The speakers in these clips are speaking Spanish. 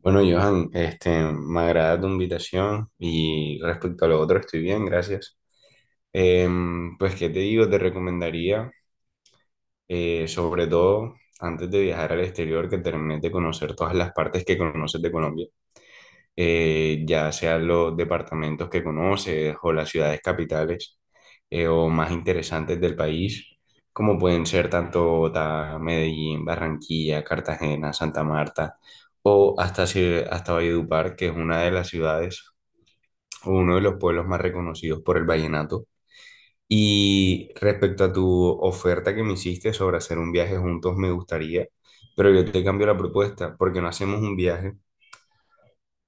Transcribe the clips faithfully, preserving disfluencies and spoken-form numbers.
Bueno, Johan, este, me agrada tu invitación y respecto a lo otro estoy bien, gracias. Em, pues, ¿qué te digo? Te recomendaría, eh, sobre todo antes de viajar al exterior, que termines de conocer todas las partes que conoces de Colombia, eh, ya sean los departamentos que conoces o las ciudades capitales eh, o más interesantes del país, como pueden ser tanto Bogotá, Medellín, Barranquilla, Cartagena, Santa Marta o hasta, ci- hasta Valledupar, que es una de las ciudades o uno de los pueblos más reconocidos por el vallenato. Y respecto a tu oferta que me hiciste sobre hacer un viaje juntos, me gustaría, pero yo te cambio la propuesta, porque no hacemos un viaje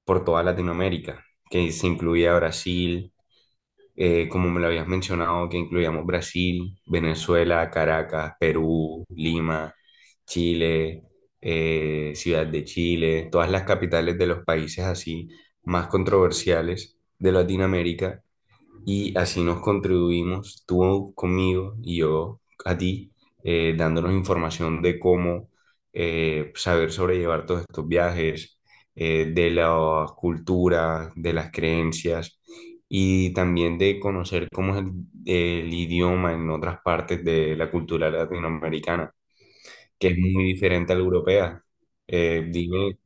por toda Latinoamérica, que se incluía Brasil, eh, como me lo habías mencionado, que incluíamos Brasil, Venezuela, Caracas, Perú, Lima, Chile, eh, Ciudad de Chile, todas las capitales de los países así más controversiales de Latinoamérica y así nos contribuimos, tú conmigo y yo a ti, eh, dándonos información de cómo eh, saber sobrellevar todos estos viajes, eh, de las culturas, de las creencias y también de conocer cómo es el, el idioma en otras partes de la cultura latinoamericana, que es muy diferente a la europea. Eh, dime,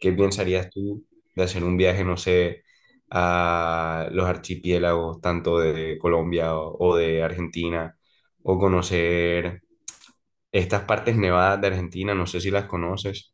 ¿qué pensarías tú de hacer un viaje, no sé, a los archipiélagos, tanto de Colombia o, o de Argentina, o conocer estas partes nevadas de Argentina? No sé si las conoces,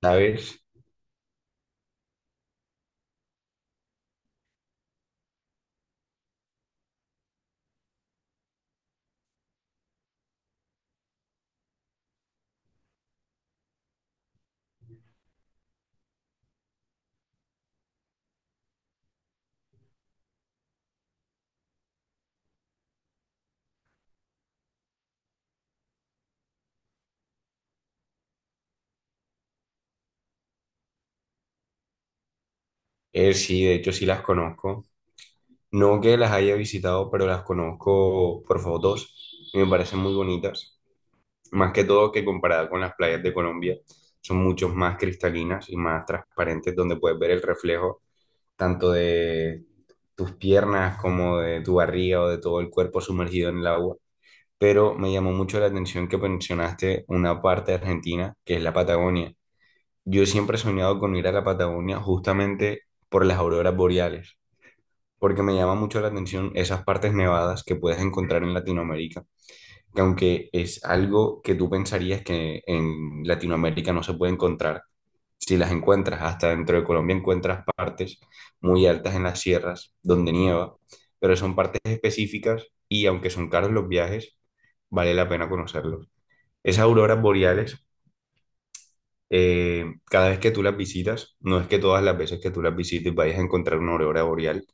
¿sabes? Eh, sí, de hecho sí las conozco. No que las haya visitado, pero las conozco por fotos y me parecen muy bonitas. Más que todo que comparada con las playas de Colombia, son mucho más cristalinas y más transparentes, donde puedes ver el reflejo tanto de tus piernas como de tu barriga o de todo el cuerpo sumergido en el agua. Pero me llamó mucho la atención que mencionaste una parte de Argentina, que es la Patagonia. Yo siempre he soñado con ir a la Patagonia justamente por las auroras boreales, porque me llama mucho la atención esas partes nevadas que puedes encontrar en Latinoamérica, que aunque es algo que tú pensarías que en Latinoamérica no se puede encontrar, si las encuentras. Hasta dentro de Colombia encuentras partes muy altas en las sierras donde nieva, pero son partes específicas y aunque son caros los viajes, vale la pena conocerlos. Esas auroras boreales, eh, cada vez que tú las visitas, no es que todas las veces que tú las visites vayas a encontrar una aurora boreal,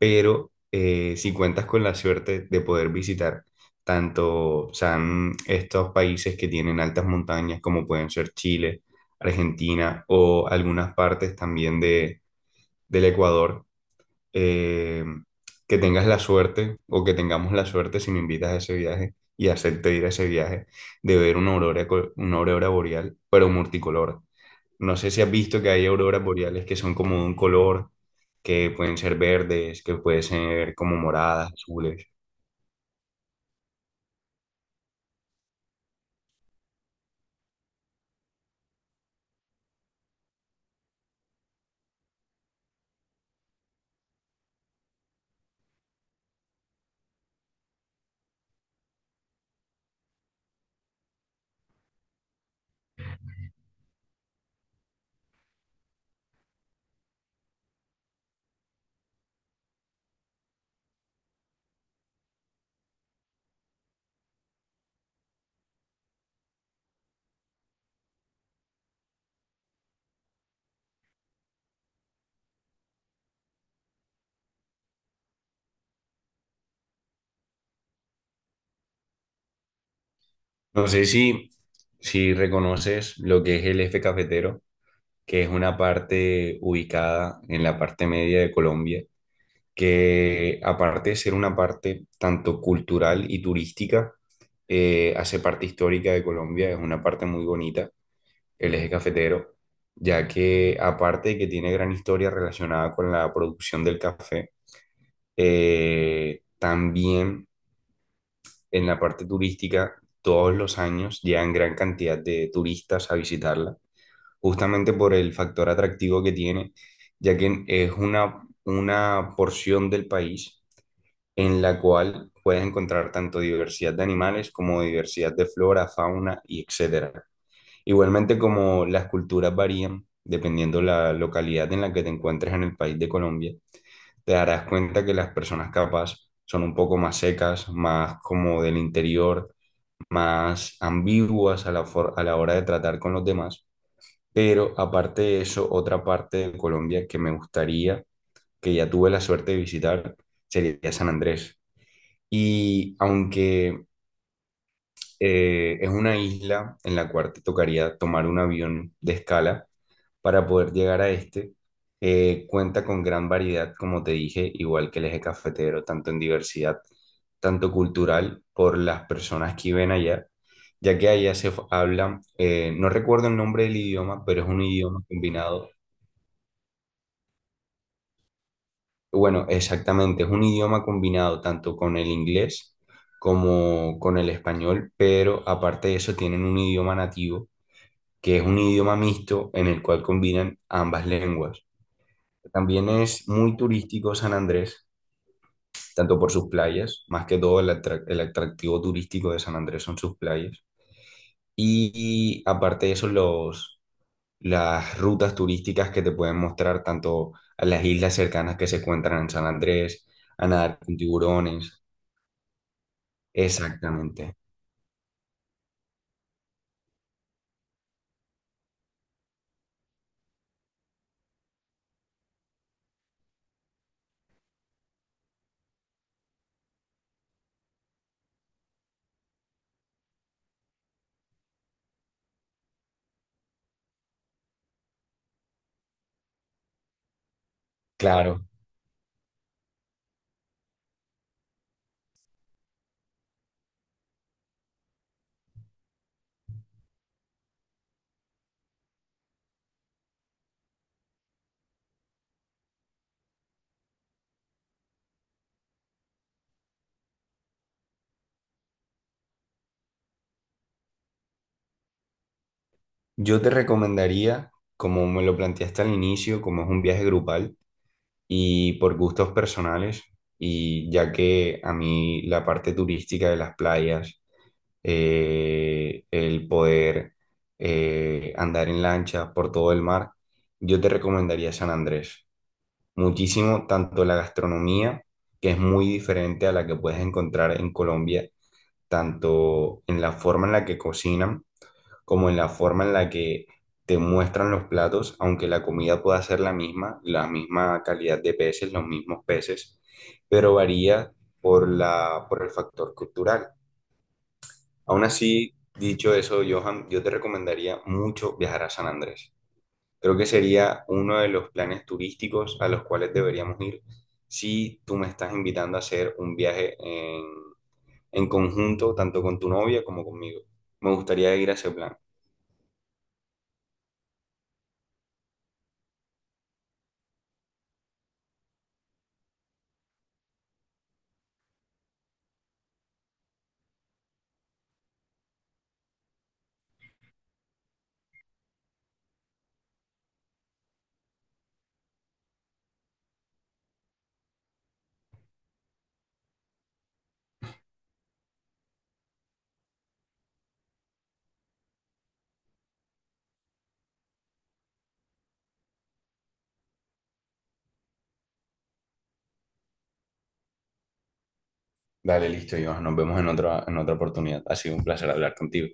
pero eh, si cuentas con la suerte de poder visitar tanto, o sea, mm, estos países que tienen altas montañas como pueden ser Chile, Argentina o algunas partes también de, del Ecuador, eh, que tengas la suerte o que tengamos la suerte si me invitas a ese viaje y acepto ir a ese viaje de ver una aurora, co- una aurora boreal, pero multicolor. No sé si has visto que hay auroras boreales que son como de un color, que pueden ser verdes, que pueden ser como moradas, azules. No sé si, si reconoces lo que es el eje cafetero, que es una parte ubicada en la parte media de Colombia, que aparte de ser una parte tanto cultural y turística, eh, hace parte histórica de Colombia, es una parte muy bonita el eje cafetero, ya que aparte de que tiene gran historia relacionada con la producción del café, eh, también en la parte turística todos los años llegan gran cantidad de turistas a visitarla, justamente por el factor atractivo que tiene, ya que es una, una porción del país en la cual puedes encontrar tanto diversidad de animales como diversidad de flora, fauna y etcétera. Igualmente como las culturas varían dependiendo la localidad en la que te encuentres en el país de Colombia, te darás cuenta que las personas capaz son un poco más secas, más como del interior, más ambiguas a la, for- a la hora de tratar con los demás. Pero aparte de eso, otra parte de Colombia que me gustaría, que ya tuve la suerte de visitar, sería San Andrés. Y aunque eh, es una isla en la cual te tocaría tomar un avión de escala para poder llegar a este. Eh, cuenta con gran variedad, como te dije, igual que el eje cafetero, tanto en diversidad, tanto cultural, por las personas que viven allá, ya que allá se f- habla, eh, no recuerdo el nombre del idioma, pero es un idioma combinado, bueno, exactamente, es un idioma combinado tanto con el inglés como con el español, pero aparte de eso tienen un idioma nativo, que es un idioma mixto en el cual combinan ambas lenguas. También es muy turístico San Andrés, tanto por sus playas, más que todo el, atrac- el atractivo turístico de San Andrés son sus playas. Y, y aparte de eso, los, las rutas turísticas que te pueden mostrar tanto a las islas cercanas que se encuentran en San Andrés, a nadar con tiburones. Exactamente. Claro. Yo te recomendaría, como me lo planteaste al inicio, como es un viaje grupal, y por gustos personales, y ya que a mí la parte turística de las playas, eh, el poder eh, andar en lancha por todo el mar, yo te recomendaría San Andrés. Muchísimo, tanto la gastronomía, que es muy diferente a la que puedes encontrar en Colombia, tanto en la forma en la que cocinan, como en la forma en la que te muestran los platos, aunque la comida pueda ser la misma, la misma calidad de peces, los mismos peces, pero varía por la, por el factor cultural. Aún así, dicho eso, Johan, yo te recomendaría mucho viajar a San Andrés. Creo que sería uno de los planes turísticos a los cuales deberíamos ir si tú me estás invitando a hacer un viaje en, en conjunto, tanto con tu novia como conmigo. Me gustaría ir a ese plan. Dale, listo, Iván. Nos vemos en otra, en otra oportunidad. Ha sido un placer hablar contigo.